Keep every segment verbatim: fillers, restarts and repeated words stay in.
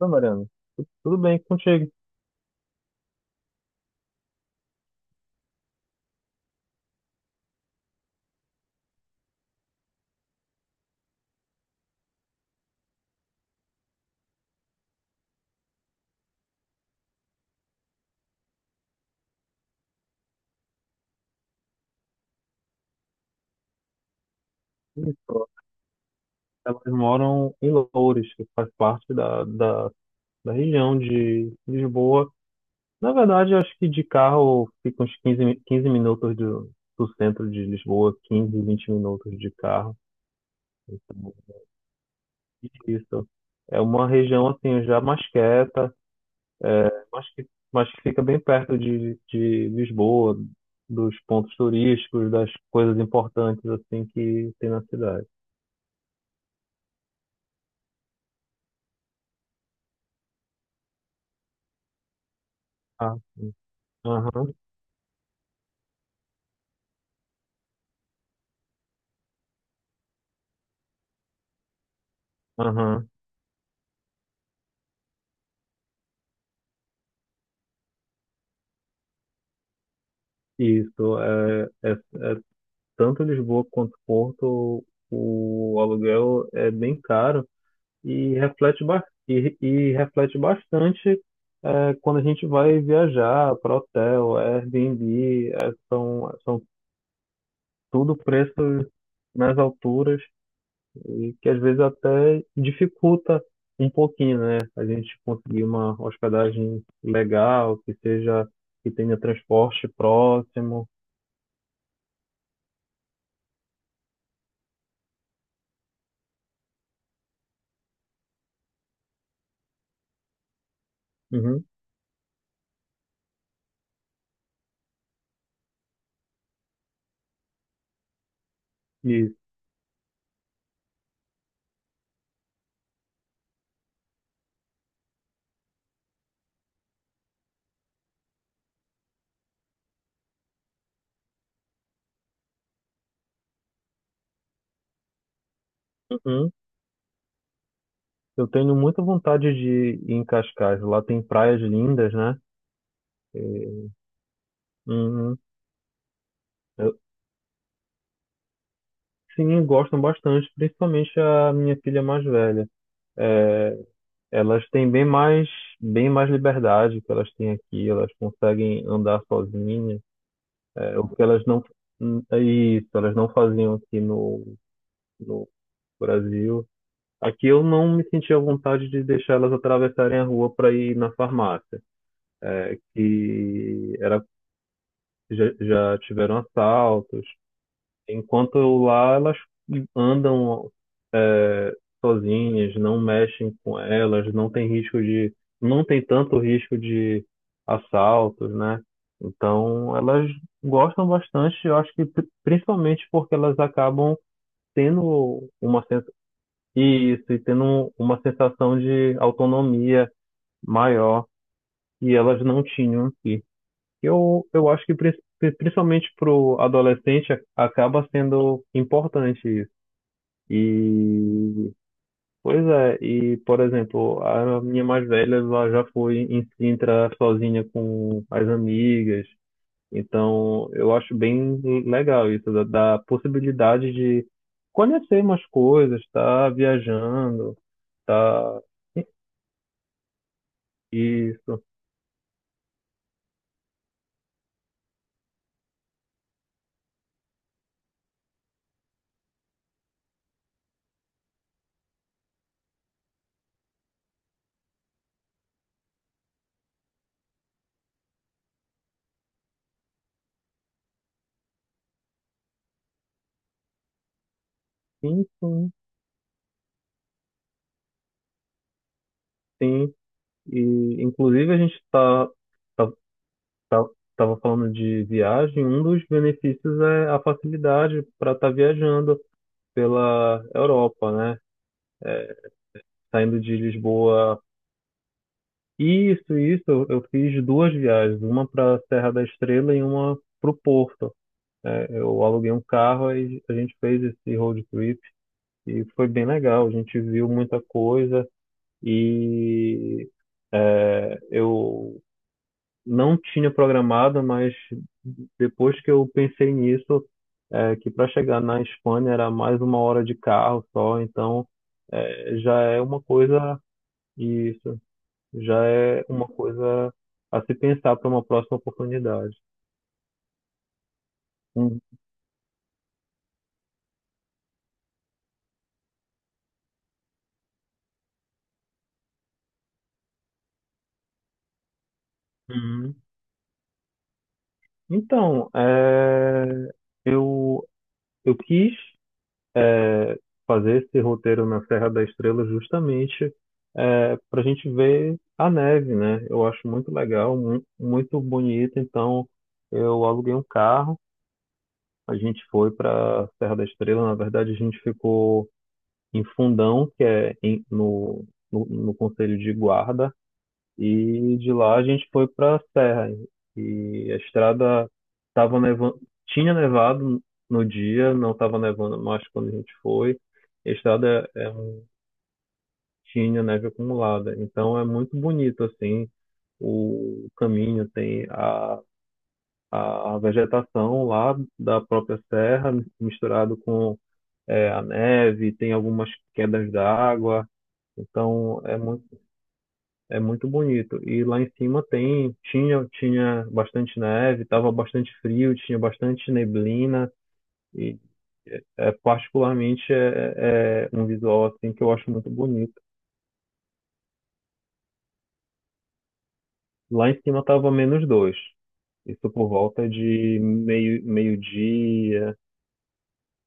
Oi, Mariana. Tudo bem contigo? Isso. Elas moram em Loures, que faz parte da, da, da região de Lisboa. Na verdade, acho que de carro fica uns quinze, mi- quinze minutos do, do centro de Lisboa, quinze, vinte minutos de carro. Então, isso. É uma região assim já mais quieta, mas que, mas que fica bem perto de, de Lisboa, dos pontos turísticos, das coisas importantes assim que tem na cidade. Ah, sim. Aham, aham. Isso, é, é tanto Lisboa quanto Porto, o aluguel é bem caro e reflete, ba- e, e reflete bastante, é, quando a gente vai viajar para hotel, Airbnb, é, são, são tudo preços nas alturas e que às vezes até dificulta um pouquinho, né? A gente conseguir uma hospedagem legal, que seja, que tenha transporte próximo. Uhum, isso. Uhum. Eu tenho muita vontade de ir em Cascais. Lá tem praias lindas, né? E- Uhum. Eu- sim, gostam bastante, principalmente a minha filha mais velha. É, elas têm bem mais, Bem mais liberdade que elas têm aqui. Elas conseguem andar sozinhas. É, o que elas não, é isso, Elas não faziam aqui no, no Brasil. Aqui eu não me sentia à vontade de deixar elas atravessarem a rua para ir na farmácia, é, que era já, já tiveram assaltos. Enquanto lá elas andam, é, sozinhas, não mexem com elas, não tem risco de, não tem tanto risco de assaltos, né? Então elas gostam bastante, eu acho que pri- principalmente porque elas acabam tendo uma sen- isso, e tendo uma sensação de autonomia maior que elas não tinham aqui. Eu, eu acho que prin- principalmente para o adolescente a- acaba sendo importante isso. E, pois é, e por exemplo, a minha mais velha ela já foi em Sintra sozinha com as amigas. Então, eu acho bem legal isso, da, da possibilidade de conhecer umas coisas, estar viajando, tá, isso, sim, sim, sim. E, inclusive, a gente está estava falando de viagem, um dos benefícios é a facilidade para estar viajando pela Europa, né? Saindo de Lisboa. Isso, isso, eu eu fiz duas viagens, uma para a Serra da Estrela e uma para o Porto. É, eu aluguei um carro e a gente fez esse road trip e foi bem legal. A gente viu muita coisa e, é, eu não tinha programado, mas depois que eu pensei nisso, é, que para chegar na Espanha era mais uma hora de carro só, então é, já é uma coisa, isso, já é uma coisa a se pensar para uma próxima oportunidade. Uhum. Então, é, eu, eu quis, é, fazer esse roteiro na Serra da Estrela justamente, é, para a gente ver a neve, né? Eu acho muito legal, mu- muito bonito. Então, eu aluguei um carro, a gente foi para a Serra da Estrela. Na verdade, a gente ficou em Fundão, que é em- no, no, no Conselho de Guarda. E de lá a gente foi para a serra. E a estrada, tava nevando, tinha nevado no dia, não estava nevando mais quando a gente foi. A estrada é, é um- tinha neve acumulada, então é muito bonito assim o caminho, tem a, a vegetação lá da própria serra misturado com, é, a neve, tem algumas quedas d'água, então é muito é muito bonito. E lá em cima tem, tinha, tinha bastante neve, estava bastante frio, tinha bastante neblina e, é, é, particularmente é, é é um visual assim que eu acho muito bonito. Lá em cima estava menos dois. Isso por volta de meio, meio-dia.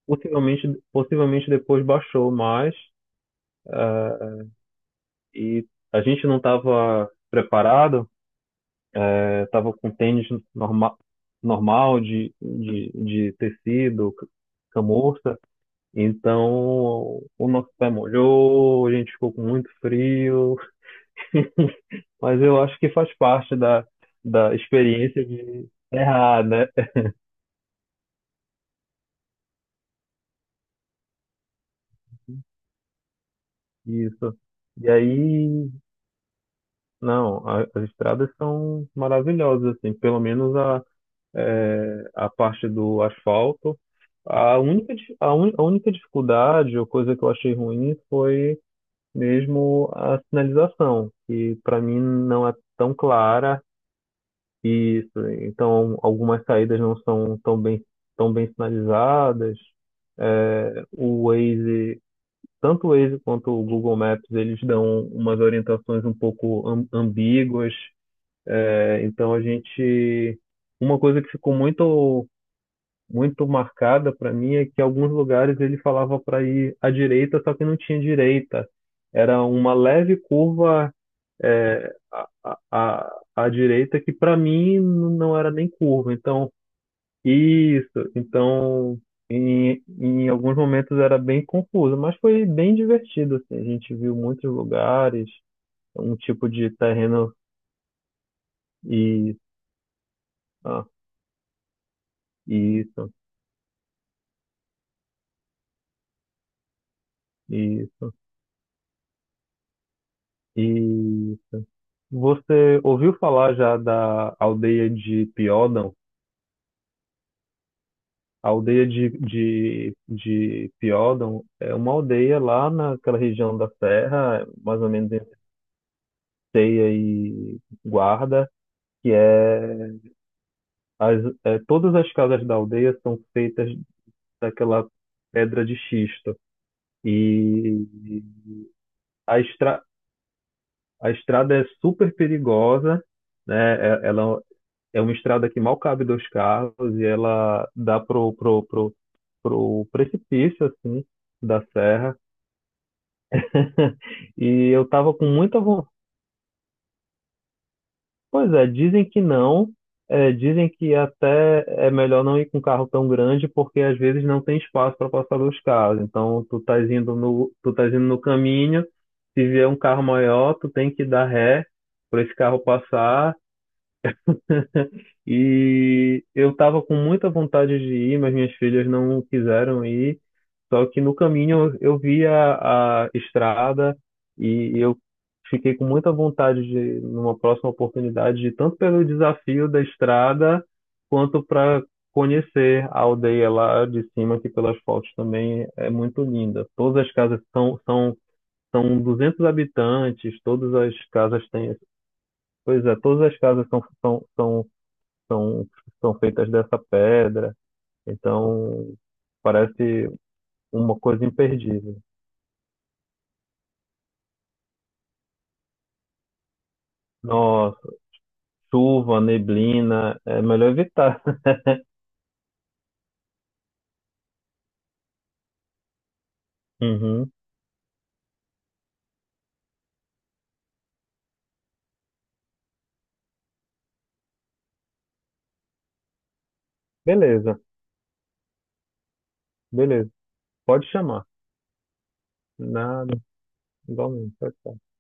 Possivelmente, possivelmente depois baixou mais, ah, e a gente não estava preparado. Eu tava com tênis norma, normal de, de, de tecido, c- camurça. Então, o nosso pé molhou, a gente ficou com muito frio. Mas eu acho que faz parte da, da experiência de errar, né? Isso. E aí, não, a- as estradas são maravilhosas, assim, pelo menos a, é, a parte do asfalto. A única, dif- a, un, a única dificuldade ou coisa que eu achei ruim foi mesmo a sinalização, que para mim não é tão clara e isso, então algumas saídas não são tão bem tão bem sinalizadas. É, o Waze, Tanto o Waze quanto o Google Maps, eles dão umas orientações um pouco am- ambíguas. É, então a gente, uma coisa que ficou muito muito marcada para mim é que em alguns lugares ele falava para ir à direita, só que não tinha direita. Era uma leve curva, é, a, a, a a direita, que para mim não era nem curva. Então, isso. Então, em, em alguns momentos era bem confuso, mas foi bem divertido, assim. A gente viu muitos lugares, um tipo de terreno e, ah, isso, isso. E você ouviu falar já da aldeia de Piódon? A aldeia de, de, de Piódon é uma aldeia lá naquela região da serra, mais ou menos entre Ceia e Guarda, que é, as, é todas as casas da aldeia são feitas daquela pedra de xisto. E a, estra, a estrada é super perigosa, né? É- Ela é uma estrada que mal cabe dois carros e ela dá pro, pro, pro, pro precipício, assim, da serra. E eu tava com muita vontade. Pois é, dizem que não. É, dizem que até é melhor não ir com um carro tão grande, porque às vezes não tem espaço para passar dois carros. Então, tu estás indo no, tu estás indo no caminho, se vier um carro maior, tu tem que dar ré para esse carro passar. E eu tava com muita vontade de ir, mas minhas filhas não quiseram ir. Só que no caminho eu eu vi a, a estrada e eu fiquei com muita vontade de, numa próxima oportunidade, de tanto pelo desafio da estrada, quanto para conhecer a aldeia lá de cima, que pelas fotos também é muito linda. Todas as casas são, são, são duzentos habitantes, todas as casas têm. Pois é, todas as casas são, são, são são, são feitas dessa pedra. Então, parece uma coisa imperdível. Nossa, chuva, neblina, é melhor evitar. Uhum. Beleza, beleza. Pode chamar. Nada, igualmente. Pode